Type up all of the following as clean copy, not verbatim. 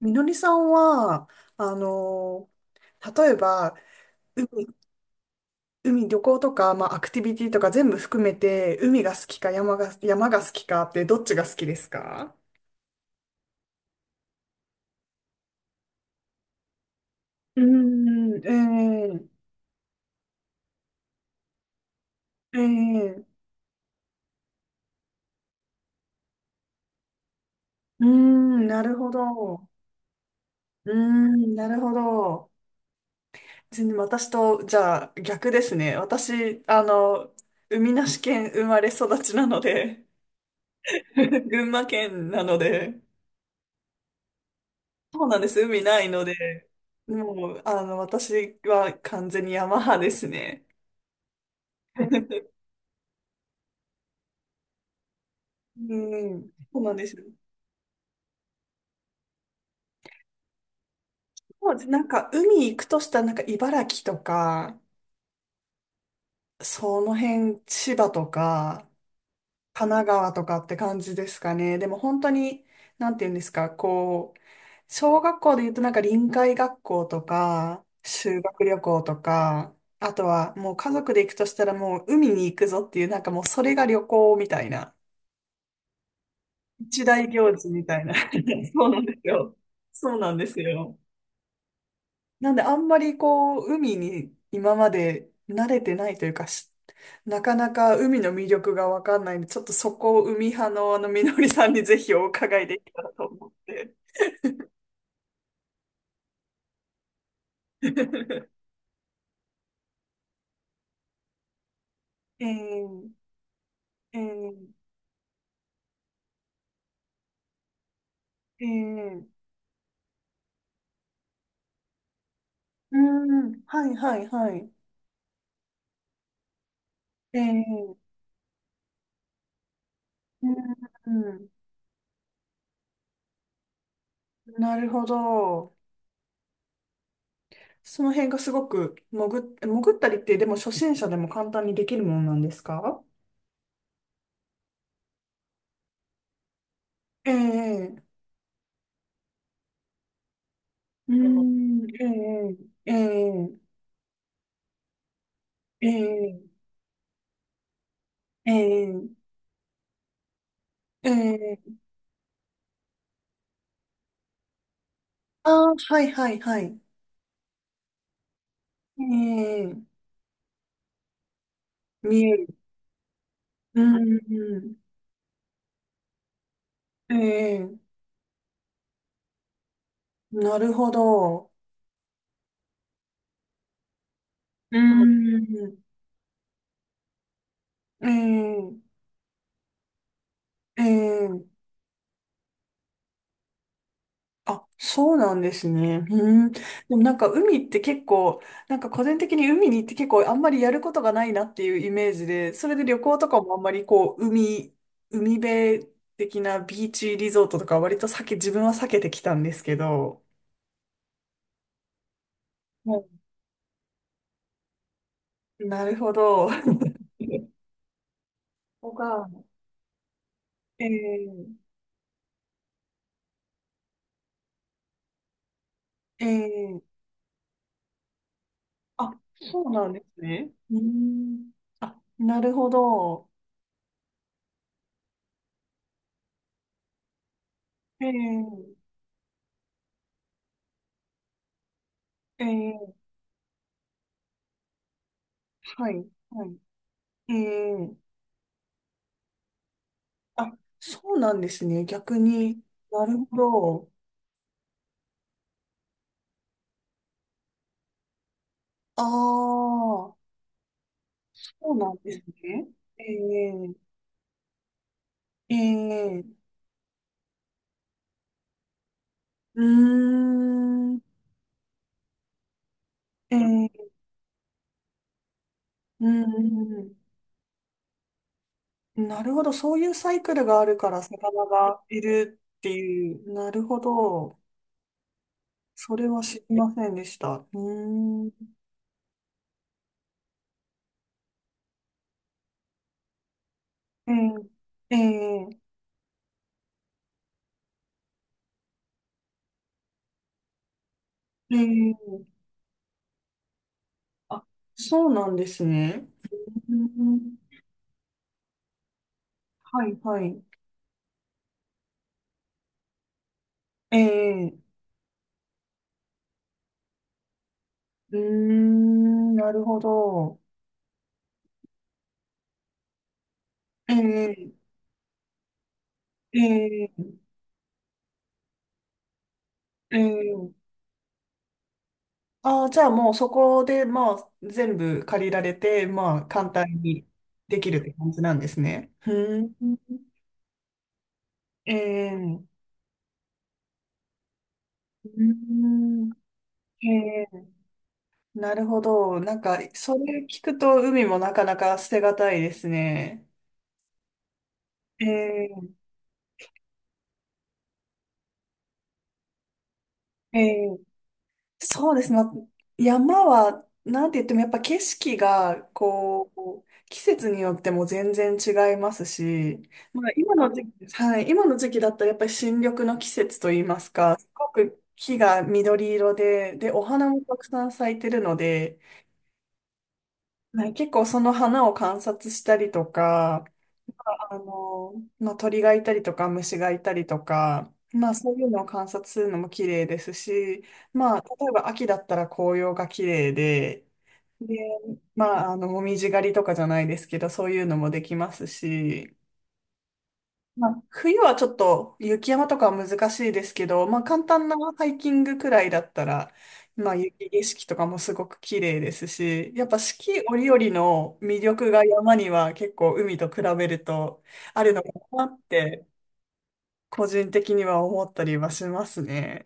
みのりさんは、あの、例えば、海、海旅行とか、アクティビティとか全部含めて、海が好きか山が好きかって、どっちが好きですか？うーん。ええ。ええ。うーん、なるほど。うーん、なるほど。全然私と、じゃあ、逆ですね。私、海なし県生まれ育ちなので、群馬県なので、そうなんです。海ないので、もう、私は完全に山派ですね。うん、そうなんですよ。そうです。海行くとしたら、茨城とか、その辺、千葉とか、神奈川とかって感じですかね。でも、本当に、なんて言うんですか、こう、小学校で言うと、臨海学校とか、修学旅行とか、あとは、もう家族で行くとしたら、もう海に行くぞっていう、なんかもう、それが旅行みたいな。一大行事みたいな。そうなんですよ。そうなんですよ。なんで、あんまりこう、海に今まで慣れてないというか、なかなか海の魅力がわかんないんで、ちょっとそこを海派のみのりさんにぜひお伺いできたらと思って。えー、えー、えー、うん、はいはいはい。えー、うん、なるほど。その辺がすごく潜ったりって、でも初心者でも簡単にできるものなんですか？ええ。うーん。ええ、ええ。ええ。ええ。ええ。ああ、はいはいはい。ええ。見える。うん。うん。ええ。なるほど。うん。ええ。ええ。あ、そうなんですね。うん。でもなんか海って結構、なんか個人的に海に行って結構あんまりやることがないなっていうイメージで、それで旅行とかもあんまりこう、海辺的なビーチリゾートとか割と自分は避けてきたんですけど。はい、なるほど。こええ。ええー。あ、そうなんですね。うん。あ、なるほど。ええ。ええ。はい、はい。ええ。あ、そうなんですね。逆に。なるほど。ああ、そうなんですね。ええ、ええ、うーん、ええ、うん、うん、なるほど。そういうサイクルがあるから魚がいるっていう。なるほど。それは知りませんでした。うーん。ええ、ええ、ええ。あ、そうなんですね。うん、はい、はい。ええ。うーん、なるほど。ええ、ええ、ええ。ああ、じゃあもうそこで、まあ、全部借りられて、まあ、簡単にできるって感じなんですね。うーん。ええ。うーん。ええ。なるほど。なんか、それ聞くと海もなかなか捨てがたいですね。ええ。ええ。そうですね。まあ山は、なんて言ってもやっぱ景色が、こう、季節によっても全然違いますし、まあ、今の時期、はい、今の時期だったらやっぱり新緑の季節といいますか、すごく木が緑色で、で、お花もたくさん咲いてるので、はい、結構その花を観察したりとか、あの、まあ、鳥がいたりとか虫がいたりとか、まあ、そういうのを観察するのも綺麗ですし、まあ、例えば秋だったら紅葉が綺麗で、で、まあ、もみじ狩りとかじゃないですけど、そういうのもできますし、まあ、冬はちょっと雪山とかは難しいですけど、まあ簡単なハイキングくらいだったら、まあ雪景色とかもすごく綺麗ですし、やっぱ四季折々の魅力が山には結構海と比べるとあるのかなって個人的には思ったりはしますね。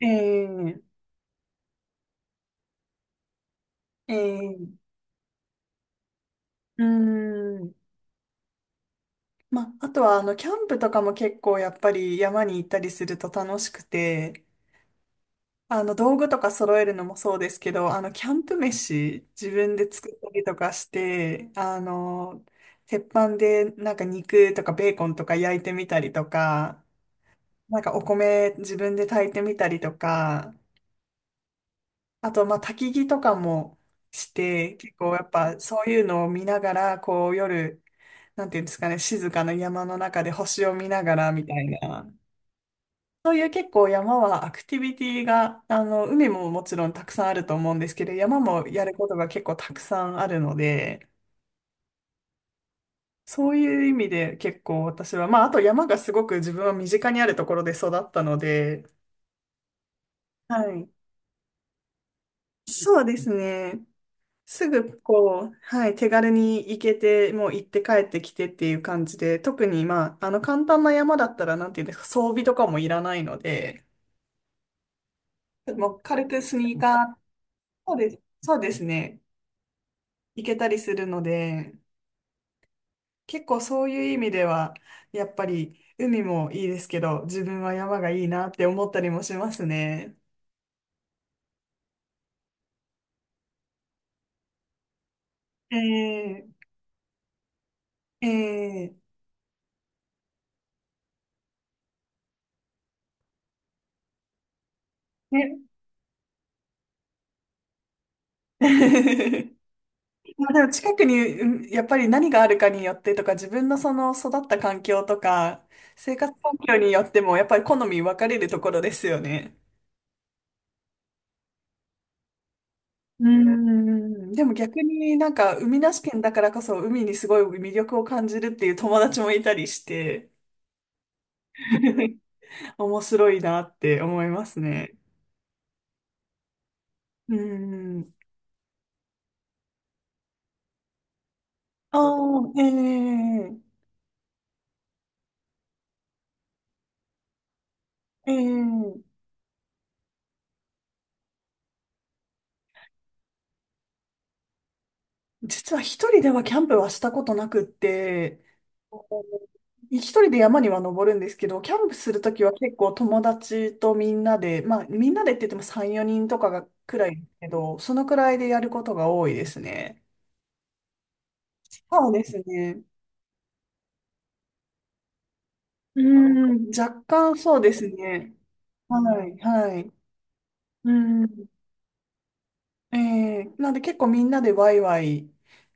ええ。ええ。うーん。まあ、あとはあのキャンプとかも結構やっぱり山に行ったりすると楽しくて、あの、道具とか揃えるのもそうですけど、あの、キャンプ飯、自分で作ったりとかして、鉄板でなんか肉とかベーコンとか焼いてみたりとか、なんかお米自分で炊いてみたりとか、あと、まあ、焚き火とかもして、結構やっぱそういうのを見ながら、こう夜、なんていうんですかね、静かな山の中で星を見ながらみたいな。そういう結構山はアクティビティが、あの、海ももちろんたくさんあると思うんですけど、山もやることが結構たくさんあるので、そういう意味で結構私は、まあ、あと山がすごく自分は身近にあるところで育ったので、はい。そうですね。すぐこう、はい、手軽に行けて、もう行って帰ってきてっていう感じで、特にまあ、あの簡単な山だったら、なんていうんですか、装備とかもいらないので、もう軽くスニーカー、そうです。そうですね。行けたりするので、結構そういう意味では、やっぱり海もいいですけど、自分は山がいいなって思ったりもしますね。ええ。ええ。ね。まあでも近くに、うん、やっぱり何があるかによってとか、自分のその育った環境とか、生活環境によっても、やっぱり好み分かれるところですよね。うん。でも逆になんか、海なし県だからこそ、海にすごい魅力を感じるっていう友達もいたりして。面白いなって思いますね。うん。ああ、ええ。ええ。実は一人ではキャンプはしたことなくって、一人で山には登るんですけど、キャンプするときは結構友達とみんなで、まあみんなでって言っても3、4人とかがくらいですけど、そのくらいでやることが多いですね。そうですね。うん、若干そうですね。はい、はい。うん。ええ、なんで結構みんなでワイワイ、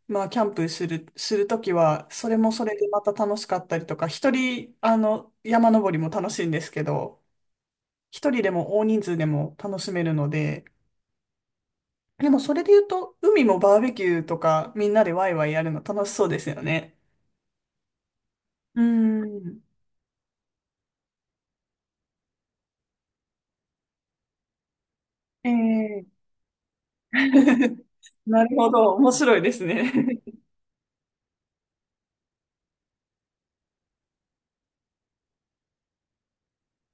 まあ、キャンプする、するときは、それもそれでまた楽しかったりとか、一人、あの、山登りも楽しいんですけど、一人でも大人数でも楽しめるので、でもそれで言うと、海もバーベキューとか、みんなでワイワイやるの楽しそうですよね。うーん。ええ。 なるほど。面白いですね。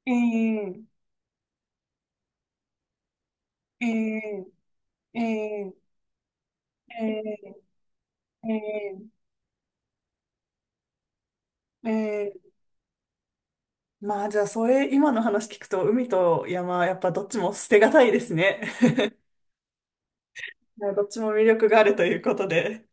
ええ。ええ。ええ。ええ。ええ。えまあ、じゃあ、それ、今の話聞くと、海と山、やっぱどっちも捨てがたいですね。どっちも魅力があるということで。